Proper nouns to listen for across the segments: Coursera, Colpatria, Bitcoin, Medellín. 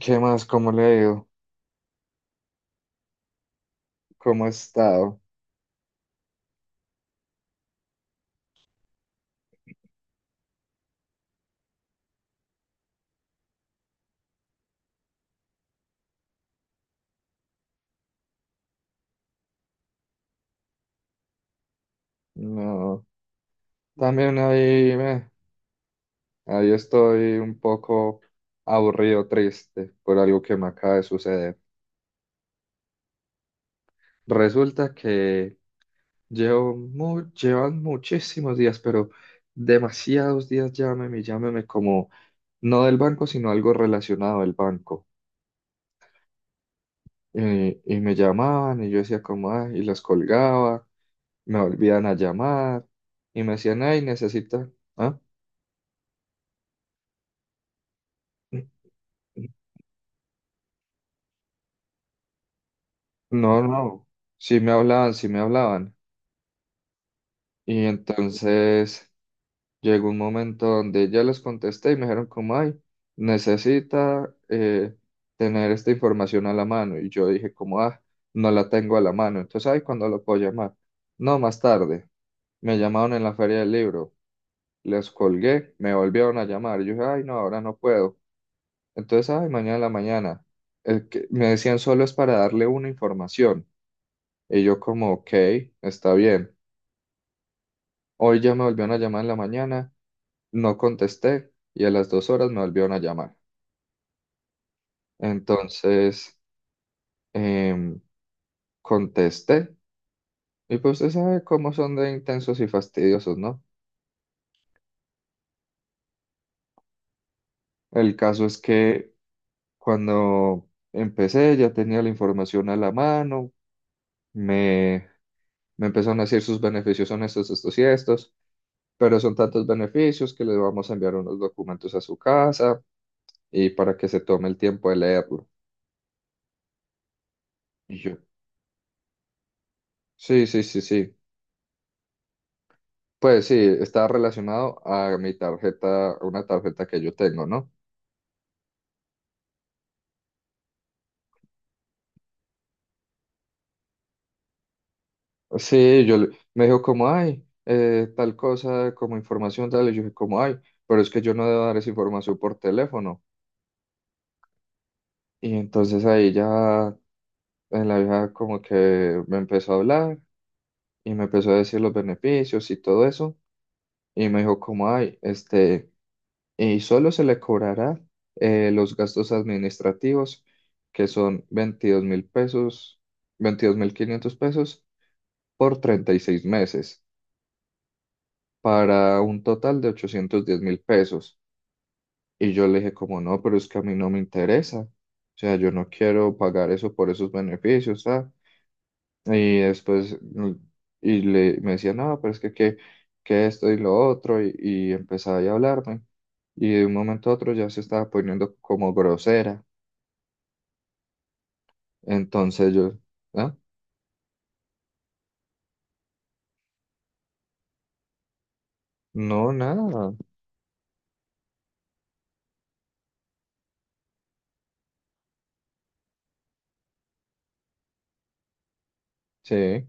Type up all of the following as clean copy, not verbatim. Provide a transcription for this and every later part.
¿Qué más? ¿Cómo le ha ido? ¿Cómo ha estado? No, también ahí, ahí estoy un poco aburrido, triste por algo que me acaba de suceder. Resulta que llevan muchísimos días, pero demasiados días llámeme como no del banco, sino algo relacionado al banco. Y me llamaban y yo decía como, "Ay", y los colgaba, me volvían a llamar y me decían, ay, necesita. ¿Ah? No, no, sí me hablaban, sí me hablaban. Y entonces llegó un momento donde ya les contesté y me dijeron como, ay, necesita tener esta información a la mano. Y yo dije como, ah, no la tengo a la mano. Entonces, ay, ¿cuándo lo puedo llamar? No, más tarde. Me llamaron en la feria del libro, les colgué, me volvieron a llamar. Yo dije, ay, no, ahora no puedo. Entonces, ay, mañana en la mañana. El que, me decían, solo es para darle una información. Y yo como, ok, está bien. Hoy ya me volvieron a llamar en la mañana, no contesté, y a las 2 horas me volvieron a llamar. Entonces, em, contesté y pues usted sabe cómo son de intensos y fastidiosos, ¿no? El caso es que cuando empecé ya tenía la información a la mano, me, me empezaron a decir, sus beneficios son estos, estos y estos, pero son tantos beneficios que le vamos a enviar unos documentos a su casa y para que se tome el tiempo de leerlo. Y yo, sí, sí, sí, sí. Pues sí, está relacionado a mi tarjeta, a una tarjeta que yo tengo, ¿no? Sí, me dijo como, ay, tal cosa, como información, tal, y yo dije como, ay, pero es que yo no debo dar esa información por teléfono. Y entonces ahí ya la vieja como que me empezó a hablar y me empezó a decir los beneficios y todo eso. Y me dijo como, ay, este, y solo se le cobrará los gastos administrativos, que son 22.000 pesos, 22.500 pesos por 36 meses, para un total de 810.000 pesos. Y yo le dije, como no, pero es que a mí no me interesa. O sea, yo no quiero pagar eso por esos beneficios, ¿sabes? Y después y me decía, no, pero es que esto y lo otro, y empezaba ahí a hablarme. Y de un momento a otro ya se estaba poniendo como grosera. Entonces yo. ¿Ah? No, nada, sí,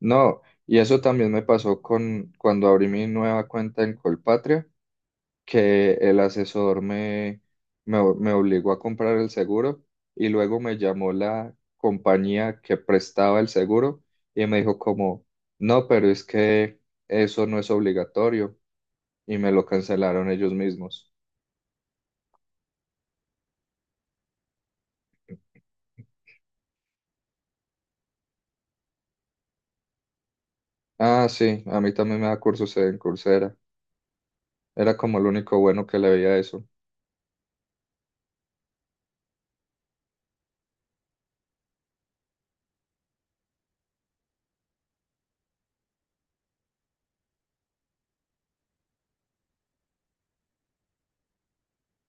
no, y eso también me pasó con cuando abrí mi nueva cuenta en Colpatria, que el asesor me obligó a comprar el seguro, y luego me llamó la compañía que prestaba el seguro y me dijo como, no, pero es que eso no es obligatorio, y me lo cancelaron ellos mismos. Ah, sí, a mí también me da cursos en Coursera, era como lo único bueno que le veía a eso.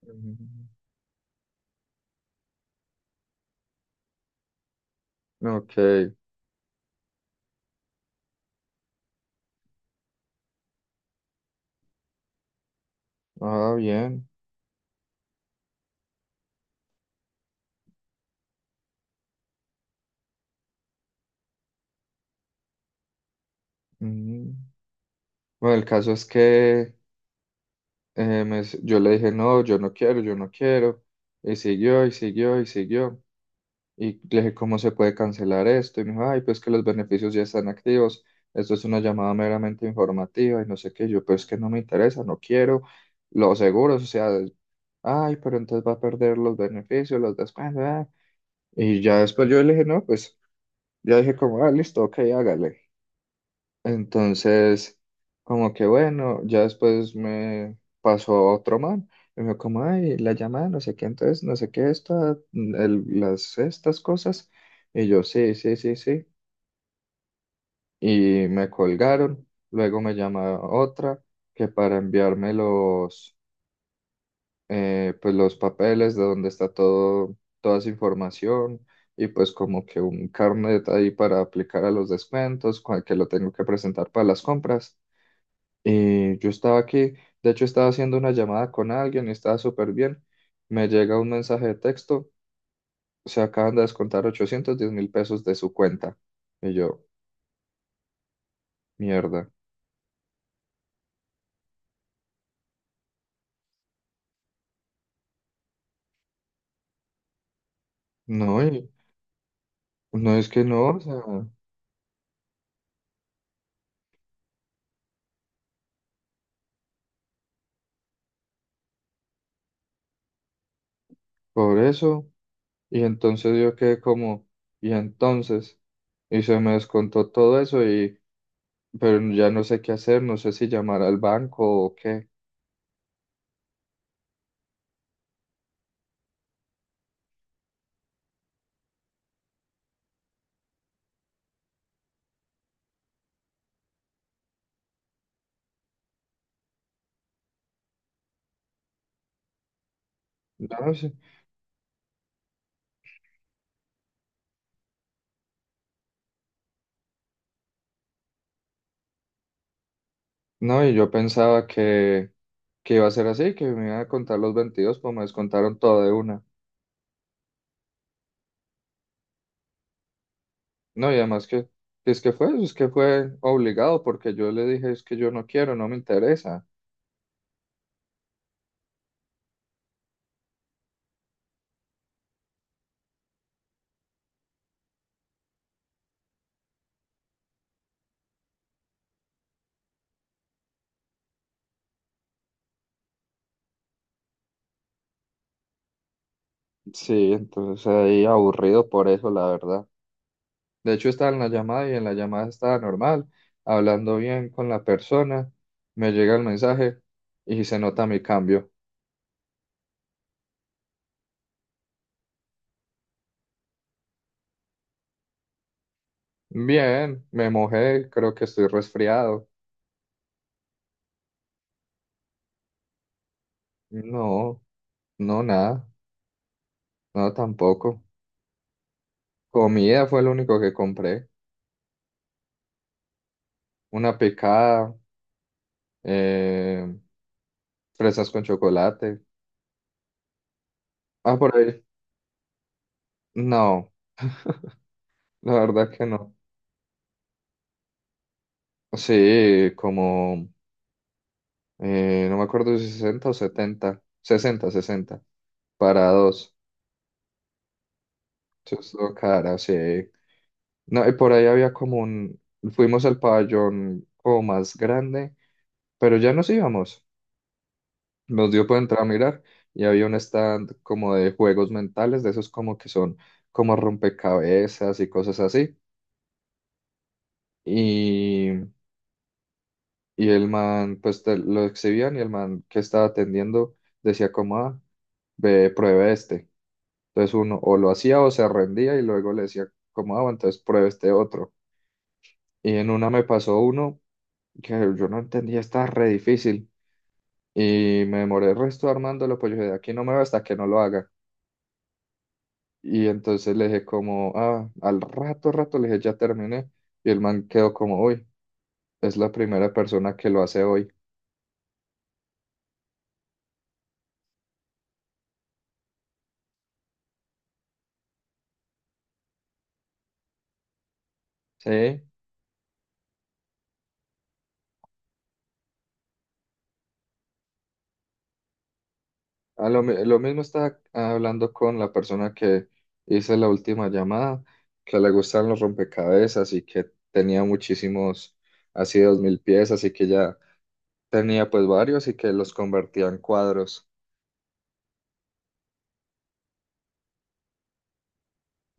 Ujú. Ok, ah, bien. Ujú. Bueno, el caso es que yo le dije, no, yo no quiero, yo no quiero. Y siguió, y siguió, y siguió. Y le dije, ¿cómo se puede cancelar esto? Y me dijo, ay, pues que los beneficios ya están activos. Esto es una llamada meramente informativa y no sé qué. Yo, pues que no me interesa, no quiero los seguros. O sea, ay, pero entonces va a perder los beneficios, los descuentos. Ah". Y ya después yo le dije, no, pues ya dije como, ah, listo, ok, hágale. Entonces, como que bueno, ya después me pasó otro man y me dijo como, ay, la llamada, no sé qué, entonces, no sé qué, esta, estas cosas. Y yo, sí, sí, sí, sí. Y me colgaron. Luego me llama otra que para enviarme pues los papeles de donde está todo, toda esa información, y pues como que un carnet ahí para aplicar a los descuentos, que lo tengo que presentar para las compras. Y yo estaba aquí, de hecho estaba haciendo una llamada con alguien y estaba súper bien. Me llega un mensaje de texto, se acaban de descontar 810.000 pesos de su cuenta. Y yo, mierda. No, y no, es que no, o sea, por eso. Y entonces yo quedé como, y entonces, y se me descontó todo eso y, pero ya no sé qué hacer, no sé si llamar al banco o qué. No, no sé. No, y yo pensaba que iba a ser así, que me iban a contar los 22, pues me descontaron todo de una. No, y además que es que fue, si es que fue obligado, porque yo le dije, es que yo no quiero, no me interesa. Sí, entonces ahí aburrido por eso, la verdad. De hecho, estaba en la llamada y en la llamada estaba normal, hablando bien con la persona, me llega el mensaje y se nota mi cambio. Bien, me mojé, creo que estoy resfriado. No, no, nada, no tampoco. Comida fue lo único que compré. Una picada, eh, fresas con chocolate. Ah, por ahí. No, la verdad que no. Sí, como, no me acuerdo si 60 o 70, 60, 60. Para dos. Eso estuvo cara, sí. No, y por ahí había como un. Fuimos al pabellón como más grande, pero ya nos íbamos. Nos dio por entrar a mirar y había un stand como de juegos mentales, de esos como que son como rompecabezas y cosas así. Y, y el man, pues lo exhibían, y el man que estaba atendiendo decía como, ah, ve, pruebe este. Entonces uno o lo hacía o se rendía, y luego le decía como, ah, bueno, entonces pruebe este otro. Y en una me pasó uno que yo no entendía, está re difícil. Y me demoré el resto armándolo, pues yo dije, de aquí no me va hasta que no lo haga. Y entonces le dije como, ah, al rato, rato, le dije, ya terminé. Y el man quedó como, uy, es la primera persona que lo hace hoy. Sí. A lo, lo mismo estaba hablando con la persona que hice la última llamada, que le gustan los rompecabezas y que tenía muchísimos, así 2.000 piezas, y que ya tenía pues varios y que los convertía en cuadros.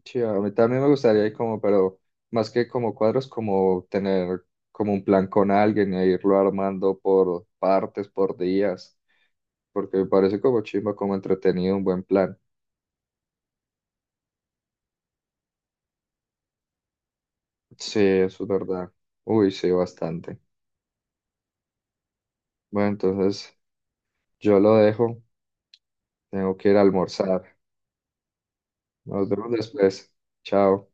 Sí, a mí también me gustaría ir como, pero más que como cuadros, como tener como un plan con alguien e irlo armando por partes, por días, porque me parece como chimba, como entretenido, un buen plan. Sí, eso es verdad. Uy, sí, bastante. Bueno, entonces. Yo lo dejo, tengo que ir a almorzar. Nos vemos después. Chao.